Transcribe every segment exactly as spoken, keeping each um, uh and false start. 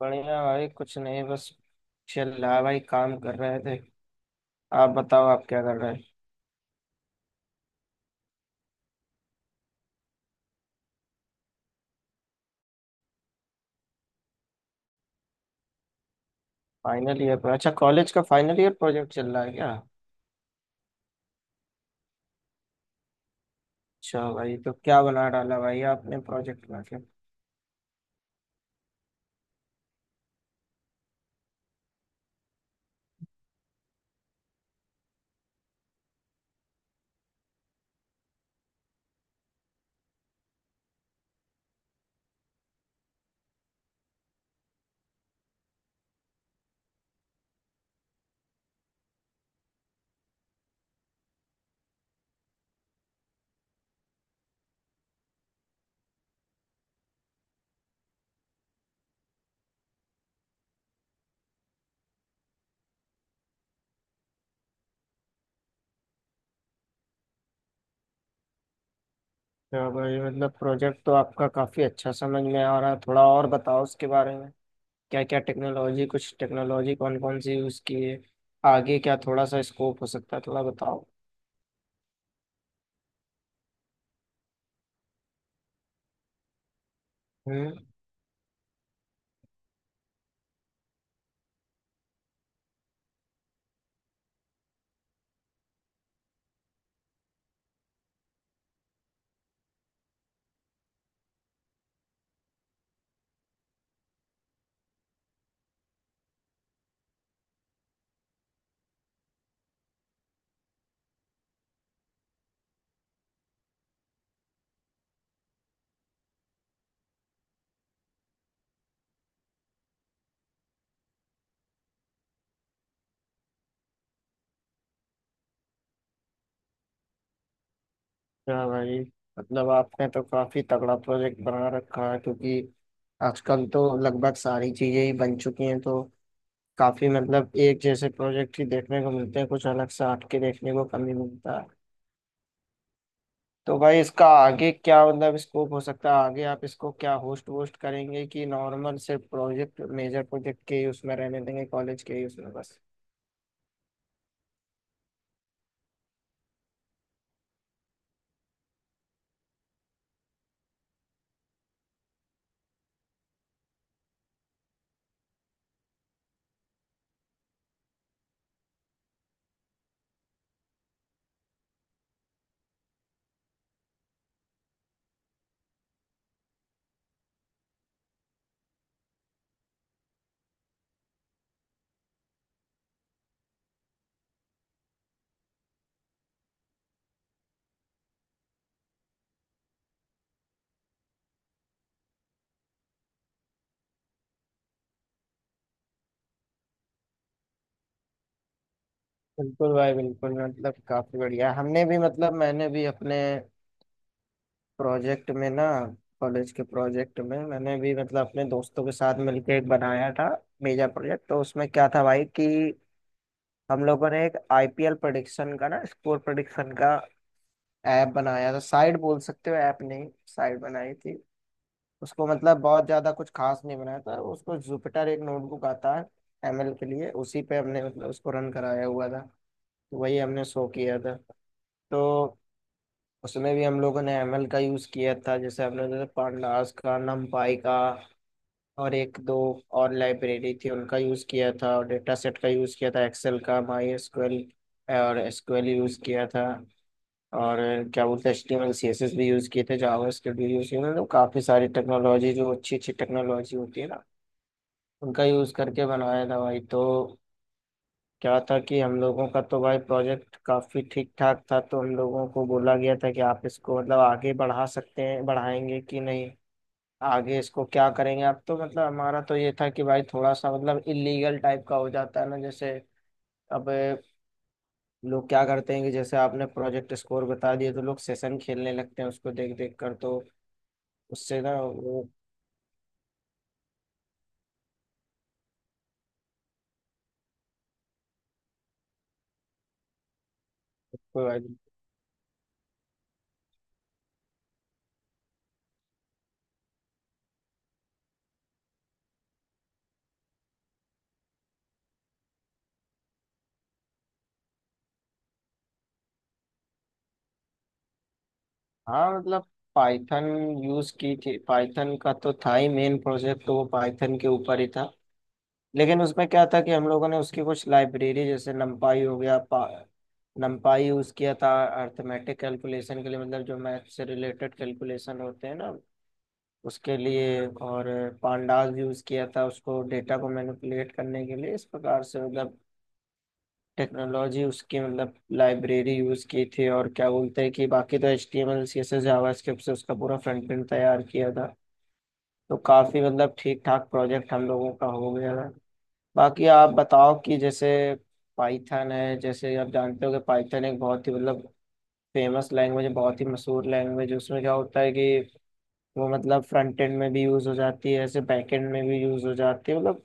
बढ़िया भाई, कुछ नहीं, बस चल रहा भाई, काम कर रहे थे। आप बताओ, आप क्या कर रहे हैं? फाइनल ईयर पर? अच्छा, कॉलेज का फाइनल ईयर प्रोजेक्ट चल रहा है क्या? अच्छा भाई, तो क्या बना डाला भाई आपने प्रोजेक्ट बना के? अच्छा भाई, मतलब प्रोजेक्ट तो आपका काफी अच्छा समझ में आ रहा है। थोड़ा और बताओ उसके बारे में। क्या क्या टेक्नोलॉजी, कुछ टेक्नोलॉजी कौन कौन सी यूज की है? आगे क्या थोड़ा सा स्कोप हो सकता है, थोड़ा बताओ। हम्म। क्या भाई। मतलब आपने तो काफी तगड़ा प्रोजेक्ट बना रखा है, क्योंकि आजकल तो लगभग सारी चीजें ही बन चुकी हैं, तो काफी मतलब एक जैसे प्रोजेक्ट ही देखने को मिलते हैं, कुछ अलग से हटके देखने को कम ही मिलता है। तो भाई, इसका आगे क्या मतलब स्कोप हो सकता है? आगे आप इसको क्या होस्ट वोस्ट करेंगे, कि नॉर्मल सिर्फ प्रोजेक्ट मेजर प्रोजेक्ट के ही उसमें रहने देंगे कॉलेज के ही उसमें बस? बिल्कुल भाई, बिल्कुल। मतलब काफी बढ़िया। हमने भी मतलब मैंने भी अपने प्रोजेक्ट में ना, कॉलेज के प्रोजेक्ट में मैंने भी मतलब अपने दोस्तों के साथ मिलकर एक बनाया था, मेजर प्रोजेक्ट। तो उसमें क्या था भाई कि हम लोगों ने एक आईपीएल प्रेडिक्शन का ना, स्कोर प्रेडिक्शन का ऐप बनाया था, साइट बोल सकते हो, ऐप नहीं साइट बनाई थी। उसको मतलब बहुत ज्यादा कुछ खास नहीं बनाया था उसको। जुपिटर एक नोटबुक आता है एमएल के लिए, उसी पे हमने मतलब उसको रन कराया हुआ था। तो वही हमने शो किया था, तो। उसमें भी हम लोगों ने एमएल का यूज किया था। जैसे हमने, जैसे पांडास का, numpy का, और एक दो और लाइब्रेरी थी उनका यूज किया था, और डेटा सेट का यूज किया था, एक्सेल का, माई एसक्यूएल और एसक्यूएल यूज किया था। और क्या बोलते हैं, एचटीएमएल सीएसएस भी यूज किए थे, जावास्क्रिप्ट भी यूज किए थे। तो काफी सारी टेक्नोलॉजी, जो अच्छी अच्छी टेक्नोलॉजी होती है ना, उनका यूज करके बनाया था भाई। तो क्या था कि हम लोगों का तो भाई प्रोजेक्ट काफी ठीक ठाक था, तो हम लोगों को बोला गया था कि आप इसको मतलब आगे बढ़ा सकते हैं, बढ़ाएंगे कि नहीं, आगे इसको क्या करेंगे आप? तो मतलब हमारा तो ये था कि भाई थोड़ा सा मतलब इलीगल टाइप का हो जाता है ना, जैसे अब ए, लोग क्या करते हैं कि जैसे आपने प्रोजेक्ट स्कोर बता दिए, तो लोग सेशन खेलने लगते हैं उसको देख देख कर, तो उससे ना वो, उसको। हाँ मतलब पाइथन यूज की थी, पाइथन का तो था ही, मेन प्रोजेक्ट तो वो पाइथन के ऊपर ही था। लेकिन उसमें क्या था कि हम लोगों ने उसकी कुछ लाइब्रेरी जैसे नमपाई हो गया, पा नमपाई यूज किया था अर्थमेटिक कैलकुलेशन के लिए, मतलब जो मैथ से रिलेटेड कैलकुलेशन होते हैं ना, उसके लिए। और पांडास भी यूज किया था उसको, डेटा को मैनिपुलेट करने के लिए। इस प्रकार से मतलब टेक्नोलॉजी उसकी मतलब लाइब्रेरी यूज की थी। और क्या बोलते हैं कि बाकी तो H T M L C S S JavaScript से उसका पूरा फ्रंट एंड तैयार किया था। तो काफी मतलब ठीक ठाक प्रोजेक्ट हम लोगों का हो गया था। बाकी आप बताओ कि जैसे पाइथन है, जैसे आप जानते हो कि पाइथन एक बहुत ही मतलब फेमस लैंग्वेज है, बहुत ही मशहूर लैंग्वेज है। उसमें क्या होता है कि वो मतलब फ्रंट एंड में भी यूज हो जाती है, ऐसे बैक एंड में भी यूज हो जाती है, मतलब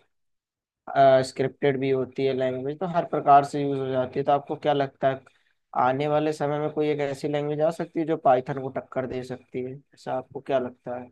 स्क्रिप्टेड भी होती है लैंग्वेज, तो हर प्रकार से यूज हो जाती है। तो आपको क्या लगता है, आने वाले समय में कोई एक ऐसी लैंग्वेज आ सकती है जो पाइथन को टक्कर दे सकती है? ऐसा आपको क्या लगता है?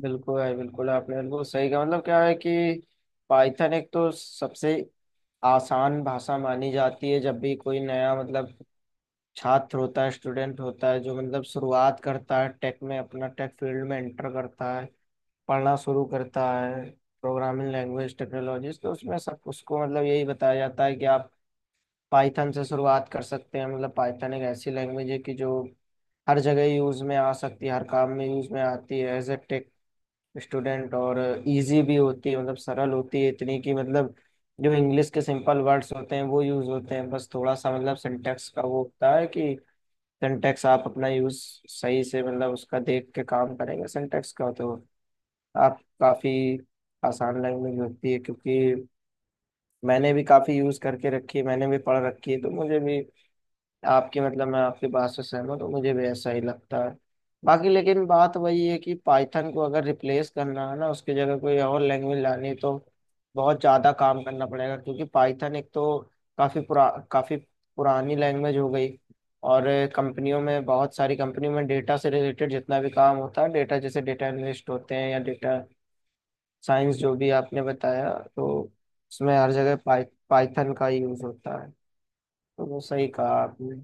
बिल्कुल है, बिल्कुल। आपने बिल्कुल सही कहा। मतलब क्या है कि पाइथन एक तो सबसे आसान भाषा मानी जाती है। जब भी कोई नया, मतलब छात्र होता है, स्टूडेंट होता है, जो मतलब शुरुआत करता है, टेक में अपना, टेक फील्ड में एंटर करता है, पढ़ना शुरू करता है प्रोग्रामिंग लैंग्वेज टेक्नोलॉजीज, तो उसमें सब उसको मतलब यही बताया जाता है कि आप पाइथन से शुरुआत कर सकते हैं। मतलब पाइथन एक ऐसी लैंग्वेज है कि जो हर जगह यूज में आ सकती है, हर काम में यूज में आती है, एज ए स्टूडेंट। और इजी भी होती है, मतलब सरल होती है इतनी कि, मतलब जो इंग्लिश के सिंपल वर्ड्स होते हैं वो यूज होते हैं, बस थोड़ा सा मतलब सिंटेक्स का वो होता है कि सिंटेक्स आप अपना यूज सही से, मतलब उसका देख के काम करेंगे सिंटेक्स का, तो आप काफी आसान लैंग्वेज होती है। क्योंकि मैंने भी काफी यूज करके रखी है, मैंने भी पढ़ रखी है, तो मुझे भी आपकी, मतलब मैं आपकी बात से सहमत हूँ, मुझे भी ऐसा ही लगता है। बाकी लेकिन बात वही है कि पाइथन को अगर रिप्लेस करना है ना, उसकी जगह कोई और लैंग्वेज लानी है, तो बहुत ज़्यादा काम करना पड़ेगा। क्योंकि पाइथन एक तो काफ़ी पुरा काफ़ी पुरानी लैंग्वेज हो गई। और कंपनियों में, बहुत सारी कंपनियों में डेटा से रिलेटेड जितना भी काम होता है, डेटा जैसे डेटा एनालिस्ट होते हैं या डेटा साइंस, जो भी आपने बताया, तो उसमें हर जगह पाइ, पाइथन का यूज़ होता है। तो वो सही कहा आपने।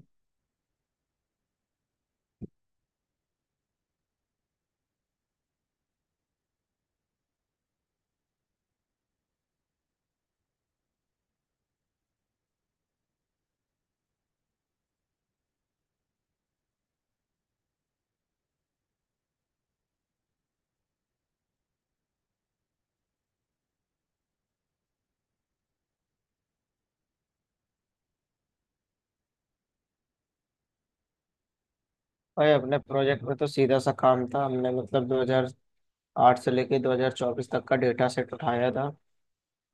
भाई, अपने प्रोजेक्ट में तो सीधा सा काम था। हमने मतलब दो हज़ार आठ से लेके दो हज़ार चौबीस तक का डेटा सेट उठाया था,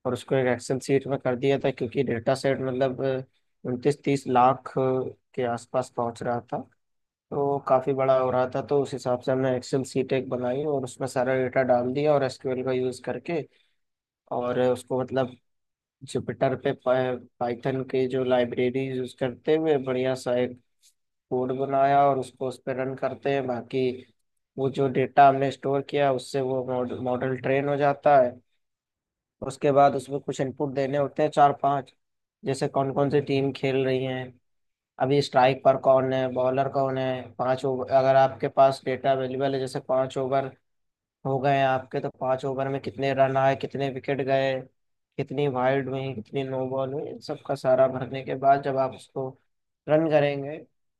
और उसको एक एक्सेल शीट में कर दिया था, क्योंकि डेटा सेट मतलब उनतीस तीस लाख के आसपास पहुंच रहा था, तो काफ़ी बड़ा हो रहा था। तो उस हिसाब से हमने एक्सेल शीट एक बनाई और उसमें सारा डेटा डाल दिया, और एसक्यूएल का यूज़ करके, और उसको मतलब जुपिटर पे पाइथन के जो लाइब्रेरी यूज़ करते हुए बढ़िया सा एक कोड बनाया और उसको उस पर रन करते हैं, बाकी वो जो डेटा हमने स्टोर किया उससे वो मॉडल मॉडल ट्रेन हो जाता है। उसके बाद उसमें कुछ इनपुट देने होते हैं चार पांच, जैसे कौन कौन सी टीम खेल रही है, अभी स्ट्राइक पर कौन है, बॉलर कौन है, पांच ओवर अगर आपके पास डेटा अवेलेबल है, जैसे पांच ओवर हो गए आपके, तो पांच ओवर में कितने रन आए, कितने विकेट गए, कितनी वाइड हुई, कितनी नो बॉल हुई, इन सबका सारा भरने के बाद जब आप उसको रन करेंगे,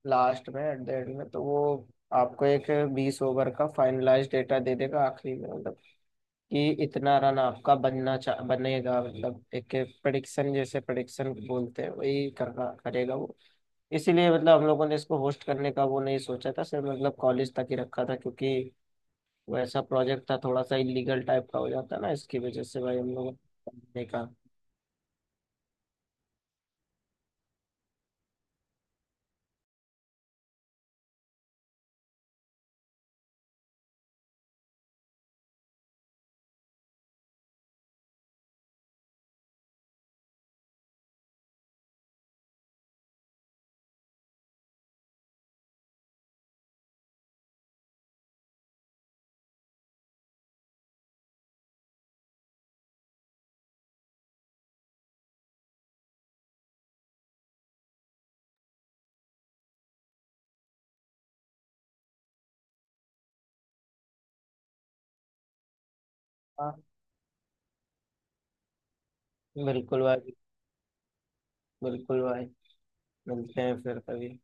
लास्ट में एट द एंड में, तो वो आपको एक बीस ओवर का फाइनलाइज डेटा दे देगा आखिरी में। मतलब कि इतना रन आपका बनना चा बनेगा, मतलब एक प्रडिक्शन, जैसे प्रडिक्शन बोलते हैं, वही करना करेगा वो। इसीलिए मतलब हम लोगों ने इसको होस्ट करने का वो नहीं सोचा था, सिर्फ मतलब कॉलेज तक ही रखा था, क्योंकि वैसा प्रोजेक्ट था, थोड़ा सा इलीगल टाइप का हो जाता ना, इसकी वजह से भाई हम लोगों ने देखा। हाँ। बिल्कुल भाई। बिल्कुल भाई। मिलते हैं फिर कभी।